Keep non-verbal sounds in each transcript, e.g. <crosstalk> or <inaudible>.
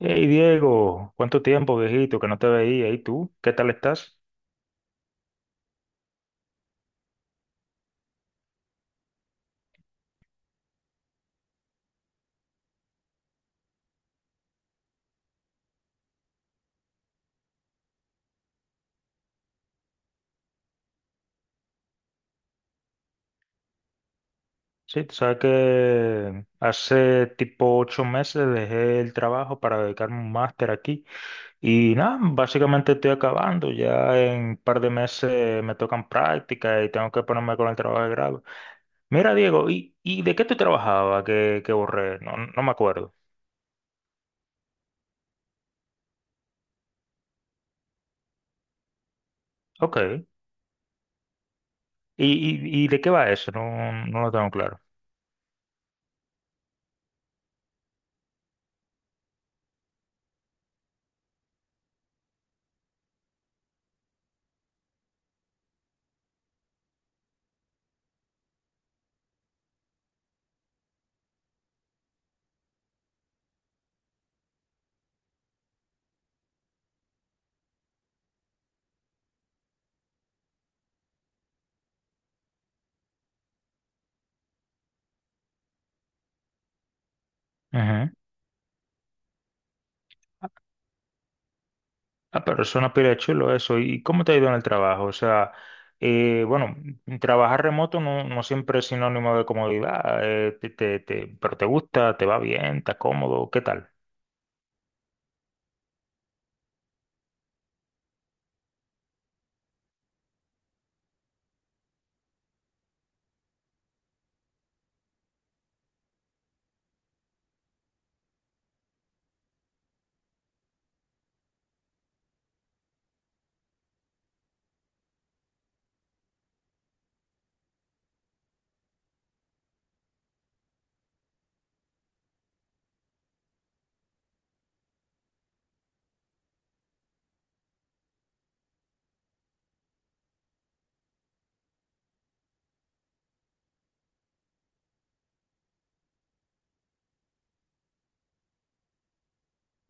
Hey Diego, ¿cuánto tiempo, viejito, que no te veía? ¿Y tú? ¿Qué tal estás? Sí, tú sabes que hace tipo 8 meses dejé el trabajo para dedicarme a un máster aquí y nada, básicamente estoy acabando. Ya en un par de meses me tocan prácticas y tengo que ponerme con el trabajo de grado. Mira, Diego, ¿y, y de qué tú trabajabas que borré? No, no me acuerdo. Ok. ¿Y, y de qué va eso? No, no lo tengo claro. Ujú. Ah, pero suena pila de chulo eso. ¿Y cómo te ha ido en el trabajo? O sea, bueno, trabajar remoto no, no siempre es sinónimo de comodidad, pero te gusta, te va bien, está cómodo, ¿qué tal?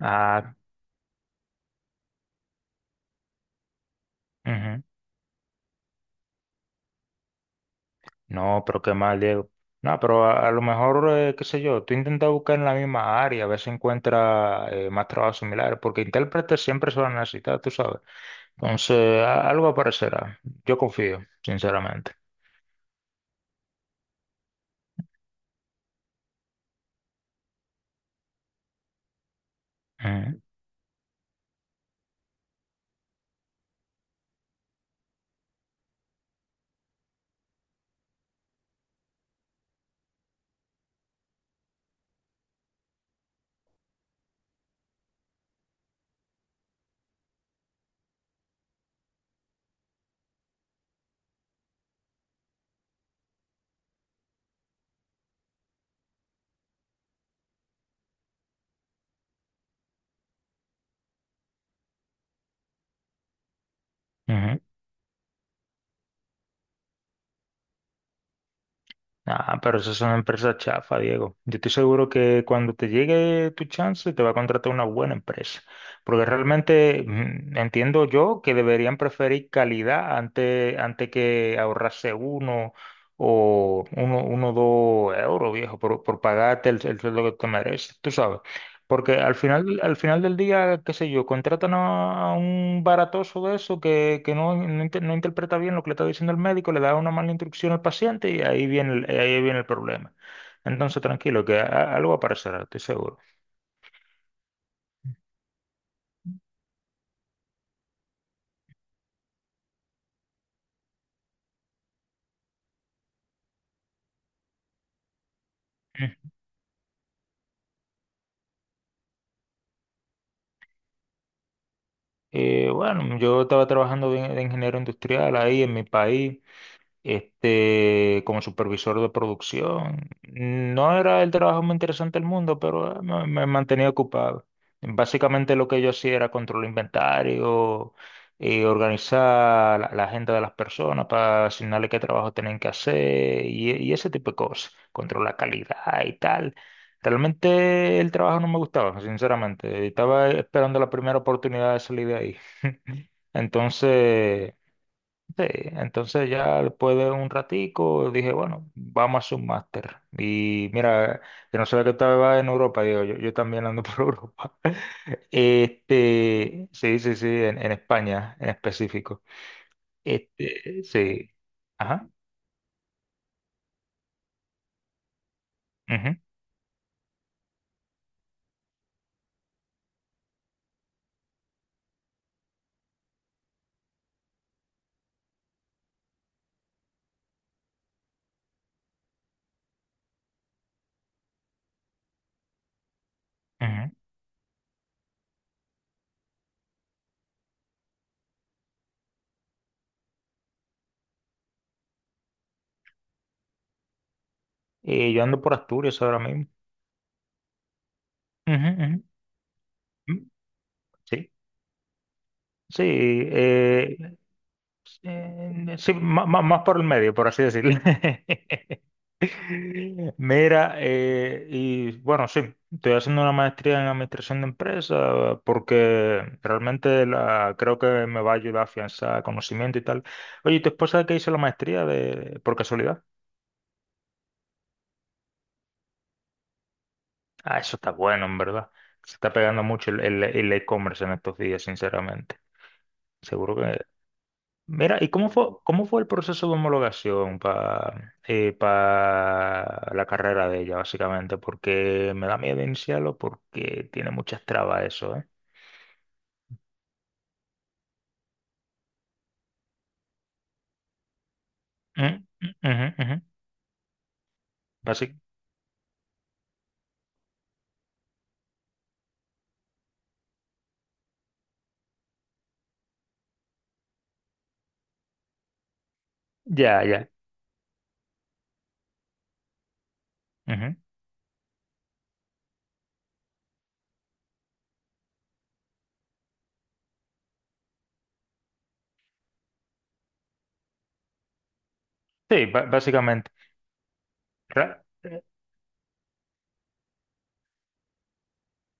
Ah, ujú. No, pero qué mal, Diego. No, pero a lo mejor, qué sé yo, tú intentas buscar en la misma área, a ver si encuentras más trabajos similares, porque intérpretes siempre se van a necesitar, tú sabes. Entonces, algo aparecerá. Yo confío, sinceramente. Ujú, ujú. Ah, pero eso es una empresa chafa, Diego. Yo estoy seguro que cuando te llegue tu chance te va a contratar una buena empresa. Porque realmente entiendo yo que deberían preferir calidad antes, antes que ahorrarse uno o uno, uno o 2 euros, viejo, por pagarte el sueldo que te mereces. Tú sabes. Porque al final del día, qué sé yo, contratan a un baratoso de eso que no, no, no interpreta bien lo que le está diciendo el médico, le da una mala instrucción al paciente y ahí viene el problema. Entonces, tranquilo, que algo aparecerá, estoy seguro. Mm. Bueno, yo estaba trabajando de ingeniero industrial ahí en mi país. Este, como supervisor de producción. No era el trabajo más interesante del mundo, pero me mantenía ocupado. Básicamente lo que yo hacía era controlar inventario, organizar la agenda de las personas para asignarle qué trabajo tenían que hacer y ese tipo de cosas, controlar la calidad y tal. Realmente el trabajo no me gustaba, sinceramente. Estaba esperando la primera oportunidad de salir de ahí. Entonces… Sí, entonces ya después de un ratico dije, bueno, vamos a hacer un máster. Y mira, que no sabía que estaba en Europa, digo, yo también ando por <laughs> Europa. Este, sí, sí, sí, en España en específico. Este, sí. Ajá. Ujú, ujú. Y yo ando por Asturias ahora mismo. Ujú, ujú, ujú. Sí, sí. Sí, má- má- Más, por el medio, por así decirlo. <laughs> Mira, y bueno, sí, estoy haciendo una maestría en administración de empresas porque realmente la, creo que me va a ayudar a afianzar conocimiento y tal. Oye, ¿y tu esposa que hizo la maestría de, por casualidad? Ah, eso está bueno, en verdad. Se está pegando mucho el e-commerce en estos días, sinceramente. Seguro que Mira, ¿y cómo fue el proceso de homologación para la carrera de ella, básicamente? Porque me da miedo iniciarlo porque tiene muchas trabas eso, ¿eh? Mm, mm, ujú, ujú. Basi- ya, ya. Ujú. Sí, básicamente. Ra- eh,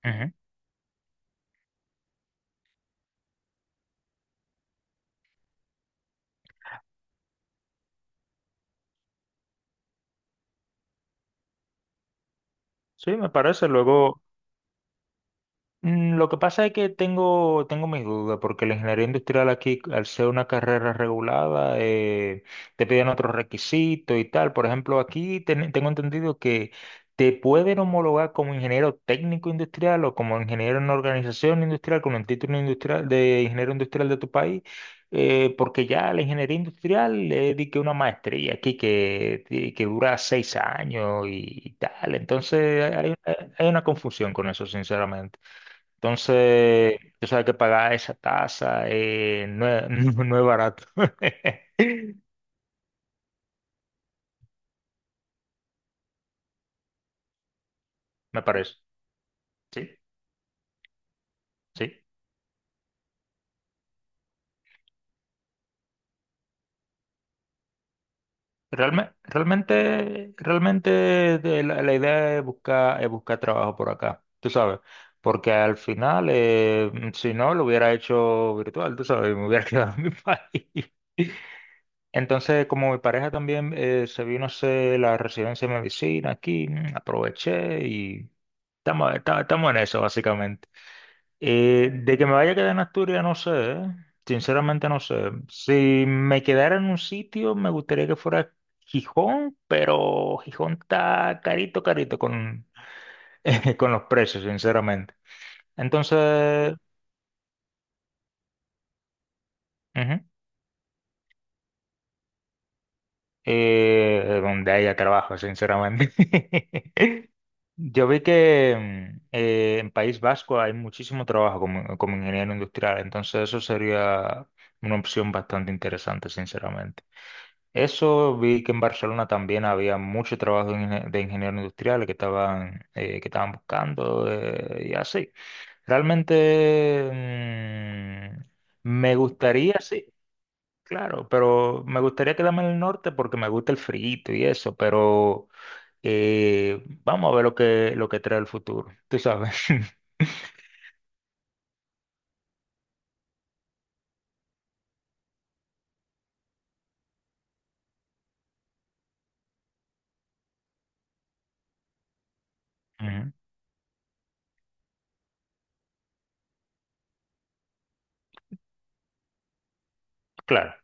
ujú. Sí, me parece. Luego, lo que pasa es que tengo, tengo mis dudas, porque la ingeniería industrial aquí, al ser una carrera regulada, te piden otros requisitos y tal. Por ejemplo, aquí tengo entendido que te pueden homologar como ingeniero técnico industrial o como ingeniero en organización industrial, con el título industrial de ingeniero industrial de tu país, porque ya la ingeniería industrial es di que una maestría aquí que dura 6 años y, tal. Entonces hay una confusión con eso, sinceramente. Entonces, tú sabes que pagar esa tasa no es, <laughs> no no es barato. <laughs> Me parece. Sí, sí. Realmente, realmente de la, la idea es buscar trabajo por acá, tú sabes. Porque al final, si no, lo hubiera hecho virtual, tú sabes, me hubiera <laughs> quedado en mi país. Entonces, como mi pareja también se vino a hacer la residencia de medicina aquí, aproveché y estamos en eso, básicamente. De que me vaya a quedar en Asturias, no sé, ¿eh? Sinceramente no sé. Si me quedara en un sitio, me gustaría que fuera Gijón, pero Gijón está carito, carito con, <laughs> con los precios, sinceramente. Entonces, ujú, donde haya trabajo, sinceramente. <laughs> Yo vi que en País Vasco hay muchísimo trabajo como, como ingeniero industrial, entonces eso sería una opción bastante interesante, sinceramente. Eso vi que en Barcelona también había mucho trabajo de de ingenieros industriales que estaban buscando y así. Realmente me gustaría, sí, claro, pero me gustaría quedarme en el norte porque me gusta el frío y eso, pero vamos a ver lo que trae el futuro, tú sabes. <laughs> Ujú, claro,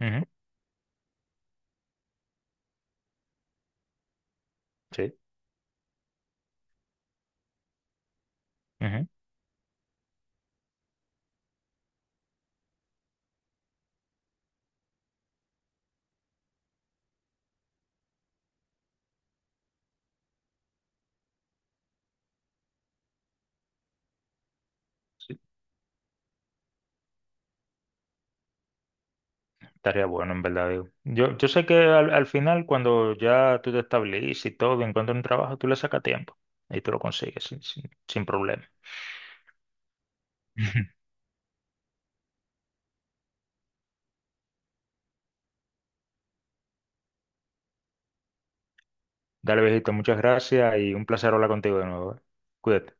ujú, sí, ujú. Estaría bueno, en verdad, digo. Yo sé que al, al final, cuando ya tú te estableces y todo, encuentras un trabajo, tú le sacas tiempo y tú lo consigues sin, sin, sin problema. <laughs> Dale, viejito, muchas gracias y un placer hablar contigo de nuevo, ¿eh? Cuídate.